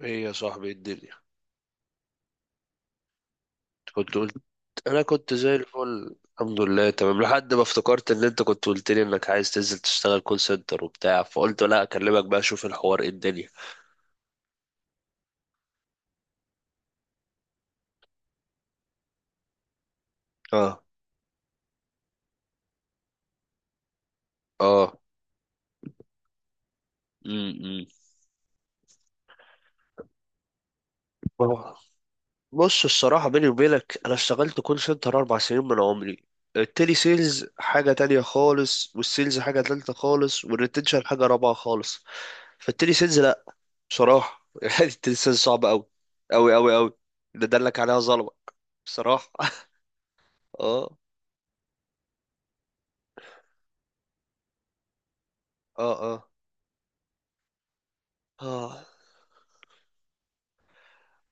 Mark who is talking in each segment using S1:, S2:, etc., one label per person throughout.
S1: ايه يا صاحبي؟ إيه الدنيا؟ كنت قلت. انا كنت زي الفل الحمد لله، تمام لحد ما افتكرت ان انت كنت قلت لي انك عايز تنزل تشتغل كول سنتر وبتاع، فقلت لا اكلمك بقى اشوف الحوار ايه الدنيا. اه. اه. امم. آه. بص، الصراحة بيني وبينك انا اشتغلت كول سنتر اربع سنين من عمري. التيلي سيلز حاجة تانية خالص، والسيلز حاجة تالتة خالص، والريتنشن حاجة رابعة خالص. فالتيلي سيلز لا، بصراحة يعني التيلي سيلز صعب اوي اوي اوي اوي. اللي دلك عليها ظلمة، بصراحة اه. اه. اه. اه.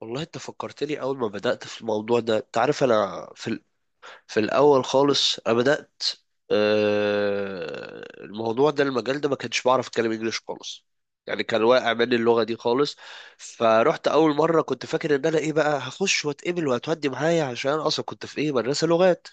S1: والله انت فكرتني اول ما بدأت في الموضوع ده. انت عارف انا في في الاول خالص انا بدأت. الموضوع ده، المجال ده، ما كنتش بعرف اتكلم انجليش خالص، يعني كان واقع مني اللغة دي خالص. فرحت اول مرة، كنت فاكر ان انا ايه بقى هخش واتقبل وهتودي معايا، عشان اصلا كنت في ايه مدرسة لغات.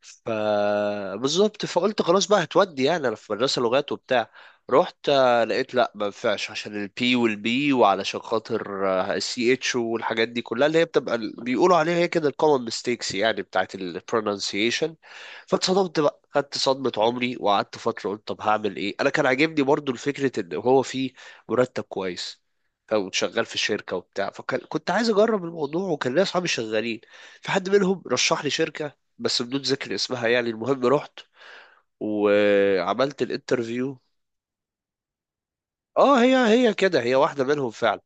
S1: فبالظبط فقلت خلاص بقى هتودي، يعني انا في مدرسه لغات وبتاع. رحت، لقيت لا ما ينفعش عشان البي والبي وعلشان خاطر السي اتش والحاجات دي كلها، اللي هي بتبقى بيقولوا عليها هي كده الكومن ميستيكس، يعني بتاعت البرونانسيشن. فاتصدمت بقى، خدت صدمه عمري وقعدت فتره قلت طب هعمل ايه. انا كان عاجبني برضو الفكره ان هو في مرتب كويس او شغال في شركه وبتاع، فكنت عايز اجرب الموضوع، وكان ليا اصحابي شغالين، في حد منهم رشح لي شركه بس بدون ذكر اسمها. يعني المهم رحت وعملت الانترفيو. اه، هي هي كده، هي واحدة منهم فعلا.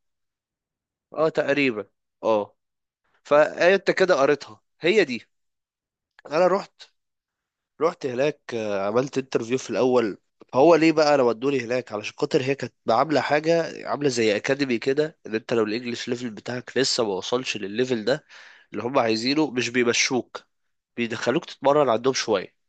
S1: اه تقريبا. اه. فانت كده قريتها، هي دي. انا رحت هناك، عملت انترفيو في الاول. هو ليه بقى انا ودوني هناك؟ علشان خاطر هي كانت عامله حاجه، عامله زي اكاديمي كده، ان انت لو الانجليش ليفل بتاعك لسه ما وصلش للليفل ده اللي هم عايزينه، مش بيمشوك، بيدخلوك تتمرن عندهم شويه.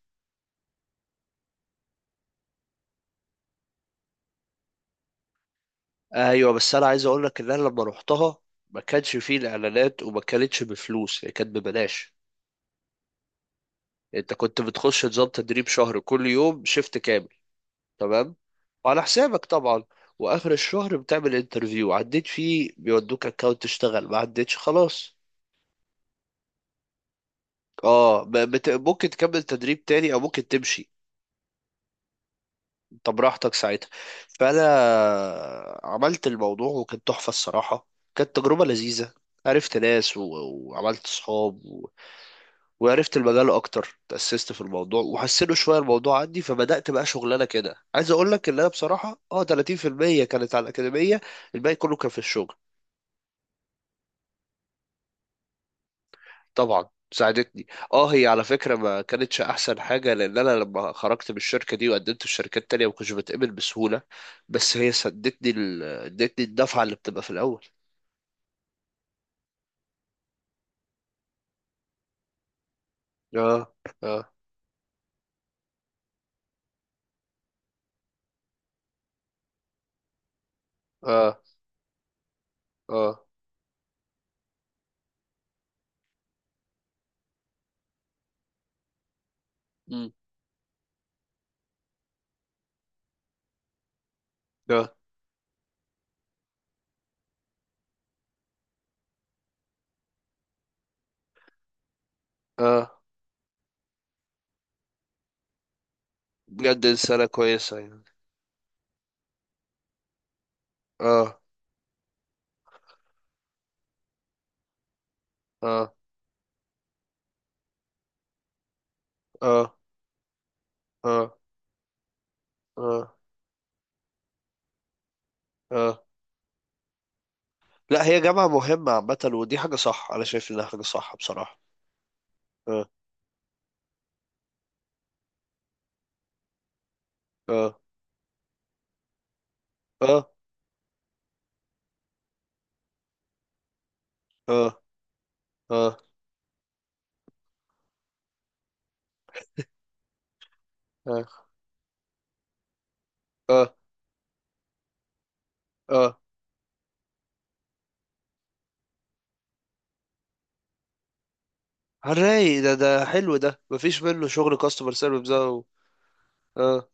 S1: ايوه، بس انا عايز اقول لك ان انا لما روحتها ما كانش فيه الاعلانات، وما كانتش بفلوس، هي كانت ببلاش. انت كنت بتخش نظام تدريب شهر، كل يوم شيفت كامل. تمام. وعلى حسابك طبعا. واخر الشهر بتعمل انترفيو، عديت فيه بيودوك اكونت تشتغل، ما عدتش خلاص. ممكن تكمل تدريب تاني او ممكن تمشي. انت براحتك ساعتها. فانا عملت الموضوع، وكانت تحفة الصراحة، كانت تجربة لذيذة. عرفت ناس وعملت صحاب، وعرفت المجال اكتر، تأسست في الموضوع وحسنوا شويه الموضوع عندي. فبدأت بقى شغلانه كده. عايز اقول لك ان انا بصراحه، 30% كانت على الاكاديميه، الباقي كله كان في الشغل. طبعا ساعدتني. اه، هي على فكره ما كانتش احسن حاجه، لان انا لما خرجت من الشركه دي وقدمت في شركات تانية ما كنتش بتقبل بسهوله، بس هي سدتني ادتني الدفعه اللي بتبقى في الاول. اه. اه. اه. اه. مم. اه. اه بجد، انسانه كويسه يعني. اه. اه. اه. اه. اه. اه. لا، هي جامعة مهمة عامة، ودي حاجة صح. أنا شايف إنها حاجة صح بصراحة. اه. اه. اه. اه. اه. اه. اه. اه. هنلاقي ده حلو، ده مفيش منه شغل كاستمر سيرفيس ده اه.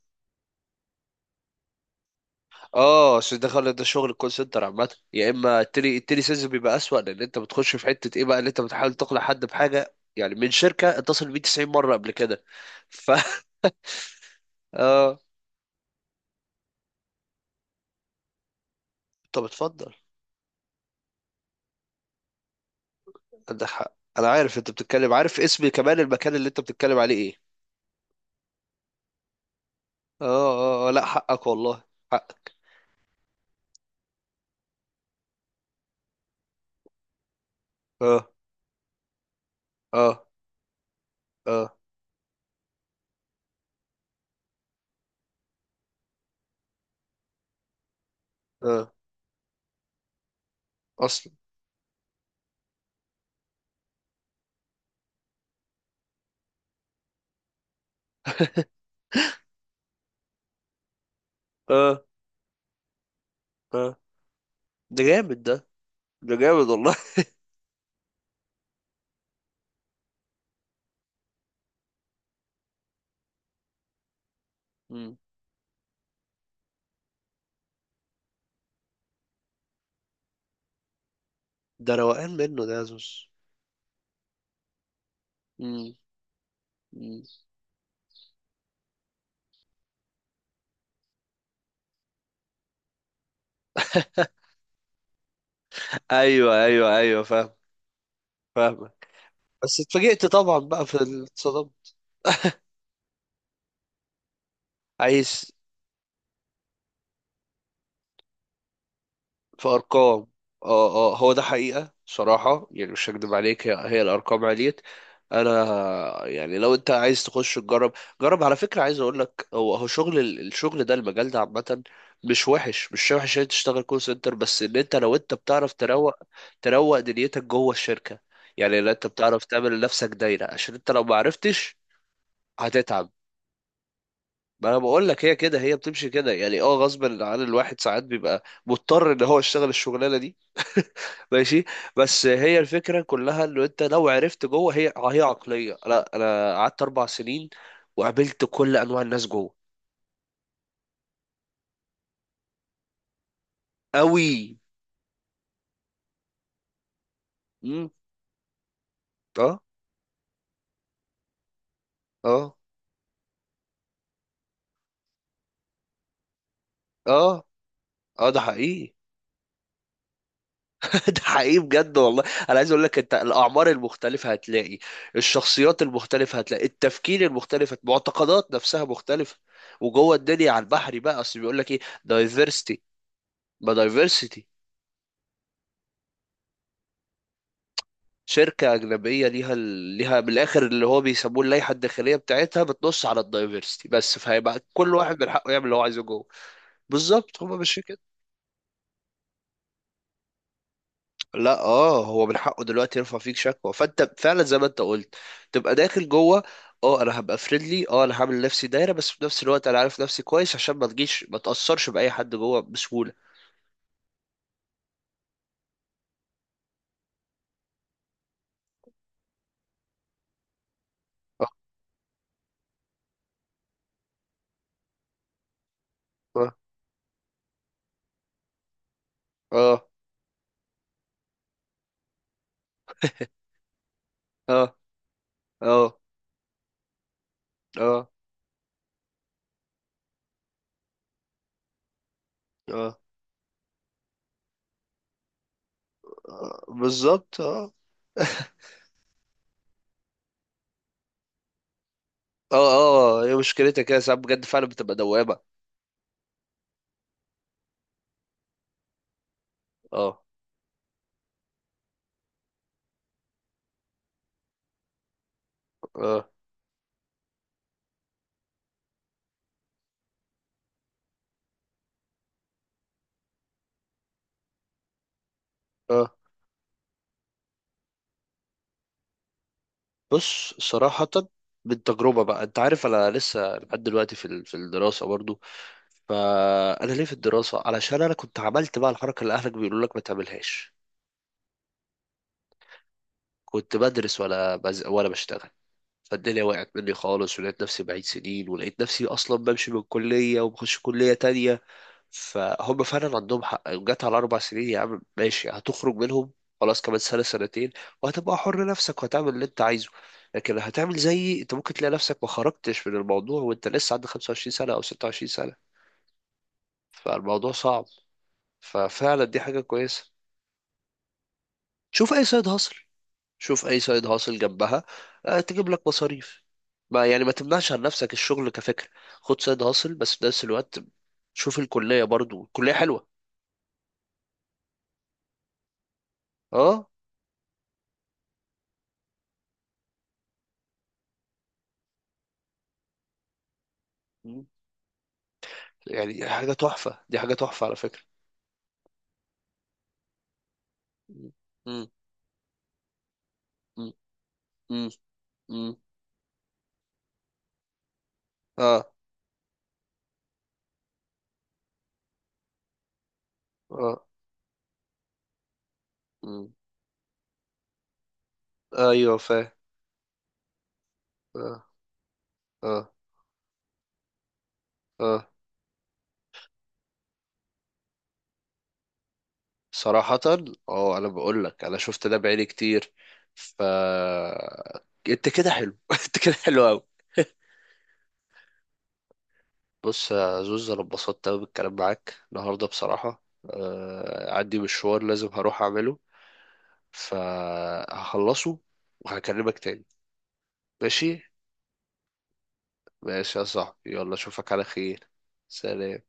S1: اه عشان ده، خلي ده، شغل الكول سنتر عامة يا إما التلي سيلز بيبقى أسوأ، لأن أنت بتخش في حتة إيه بقى، اللي أنت بتحاول تقنع حد بحاجة يعني من شركة اتصل بيه 90 مرة قبل كده ف اه طب اتفضل. عندك حق. أنا عارف أنت بتتكلم، عارف اسم كمان المكان اللي أنت بتتكلم عليه إيه. اه. لا حقك والله. حقك. اه. اه. اه. اه اصلا. اه. اه ده جامد ده، ده جامد والله مم. ده روقان منه ده، يا زوز. مم. مم. ايوه ايوه ايوه فاهم. فاهمك. بس اتفاجئت طبعا بقى في الاتصالات. عايز. في ارقام. اه. اه هو ده حقيقة، صراحة يعني مش هكدب عليك، هي الارقام عليت. انا يعني لو انت عايز تخش تجرب، جرب على فكرة. عايز اقول لك، هو هو شغل الشغل ده، المجال ده عامة، مش وحش، مش وحش ان انت تشتغل كول سنتر، بس ان انت لو انت بتعرف تروق، تروق دنيتك جوه الشركة، يعني لو انت بتعرف تعمل لنفسك دايرة، عشان انت لو ما عرفتش هتتعب. ما انا بقول لك، هي كده، هي بتمشي كده يعني، غصب عن الواحد ساعات بيبقى مضطر ان هو يشتغل الشغلانه دي ماشي. بس هي الفكره كلها انه انت لو عرفت جوه، هي عقليه. لا، انا قعدت اربع سنين وقابلت كل انواع الناس جوه. قوي. امم. اه. اه. اه. اه ده حقيقي ده حقيقي بجد والله. انا عايز اقول لك، انت الاعمار المختلفه هتلاقي، الشخصيات المختلفه هتلاقي، التفكير المختلف، المعتقدات نفسها مختلفه. وجوه الدنيا على البحر بقى، اصل بيقول لك ايه، دايفرسيتي، ما دايفرسيتي. شركه اجنبيه ليها ليها من الاخر اللي هو بيسموه اللائحه الداخليه بتاعتها، بتنص على الدايفرسيتي بس، فهيبقى كل واحد من حقه يعمل اللي هو عايزه جوه. بالظبط، هما مش كده. لا، هو من حقه دلوقتي يرفع فيك شكوى. فانت فعلا زي ما انت قلت، تبقى داخل جوه، اه انا هبقى فريندلي، انا هعمل لنفسي دايره، بس في نفس الوقت انا عارف نفسي كويس عشان ما تجيش، ما تاثرش باي حد جوه بسهوله. اه. اه. اه. اه. اه. اه. اه. آه. بالظبط. اه اه. اه هي مشكلتها كده ساعات بجد، فعلا بتبقى دوامه. اه. اه. اه. بص صراحه، من تجربه بقى، انت عارف انا لسه لحد دلوقتي في في الدراسه برضو. فانا ليه في الدراسه؟ علشان انا كنت عملت بقى الحركه اللي اهلك بيقولوا لك ما تعملهاش، كنت بدرس ولا بشتغل، فالدنيا وقعت مني خالص ولقيت نفسي بعيد سنين، ولقيت نفسي اصلا بمشي من كليه وبخش كليه تانية. فهم فعلا عندهم حق، جت على اربع سنين يا عم، ماشي هتخرج منهم، خلاص كمان سنه سنتين وهتبقى حر نفسك وهتعمل اللي انت عايزه. لكن هتعمل زيي، انت ممكن تلاقي نفسك ما خرجتش من الموضوع وانت لسه عندك 25 سنه او 26 سنه، فالموضوع صعب. ففعلا دي حاجه كويسه. شوف اي سايد هاسل، شوف اي سايد هاسل جنبها تجيب لك مصاريف. ما يعني ما تمنعش عن نفسك الشغل كفكرة، خد سايد هاسل بس في نفس الوقت شوف الكلية، برضو الكلية حلوة. اه. مم. يعني حاجة تحفة، دي حاجة تحفة على فكرة. مم. مم. مم. مم. مم. اه. اه. مم. ايوه فاهم. اه. اه. اه صراحة. اه انا بقول لك، انا شفت ده بعيني كتير. ف انت كده حلو انت كده حلو قوي. بص يا زوز، انا اتبسطت قوي بالكلام معاك النهارده بصراحه. عندي مشوار لازم هروح اعمله، فهخلصه وهكلمك تاني. ماشي. ماشي يا صاحبي، يلا اشوفك على خير. سلام.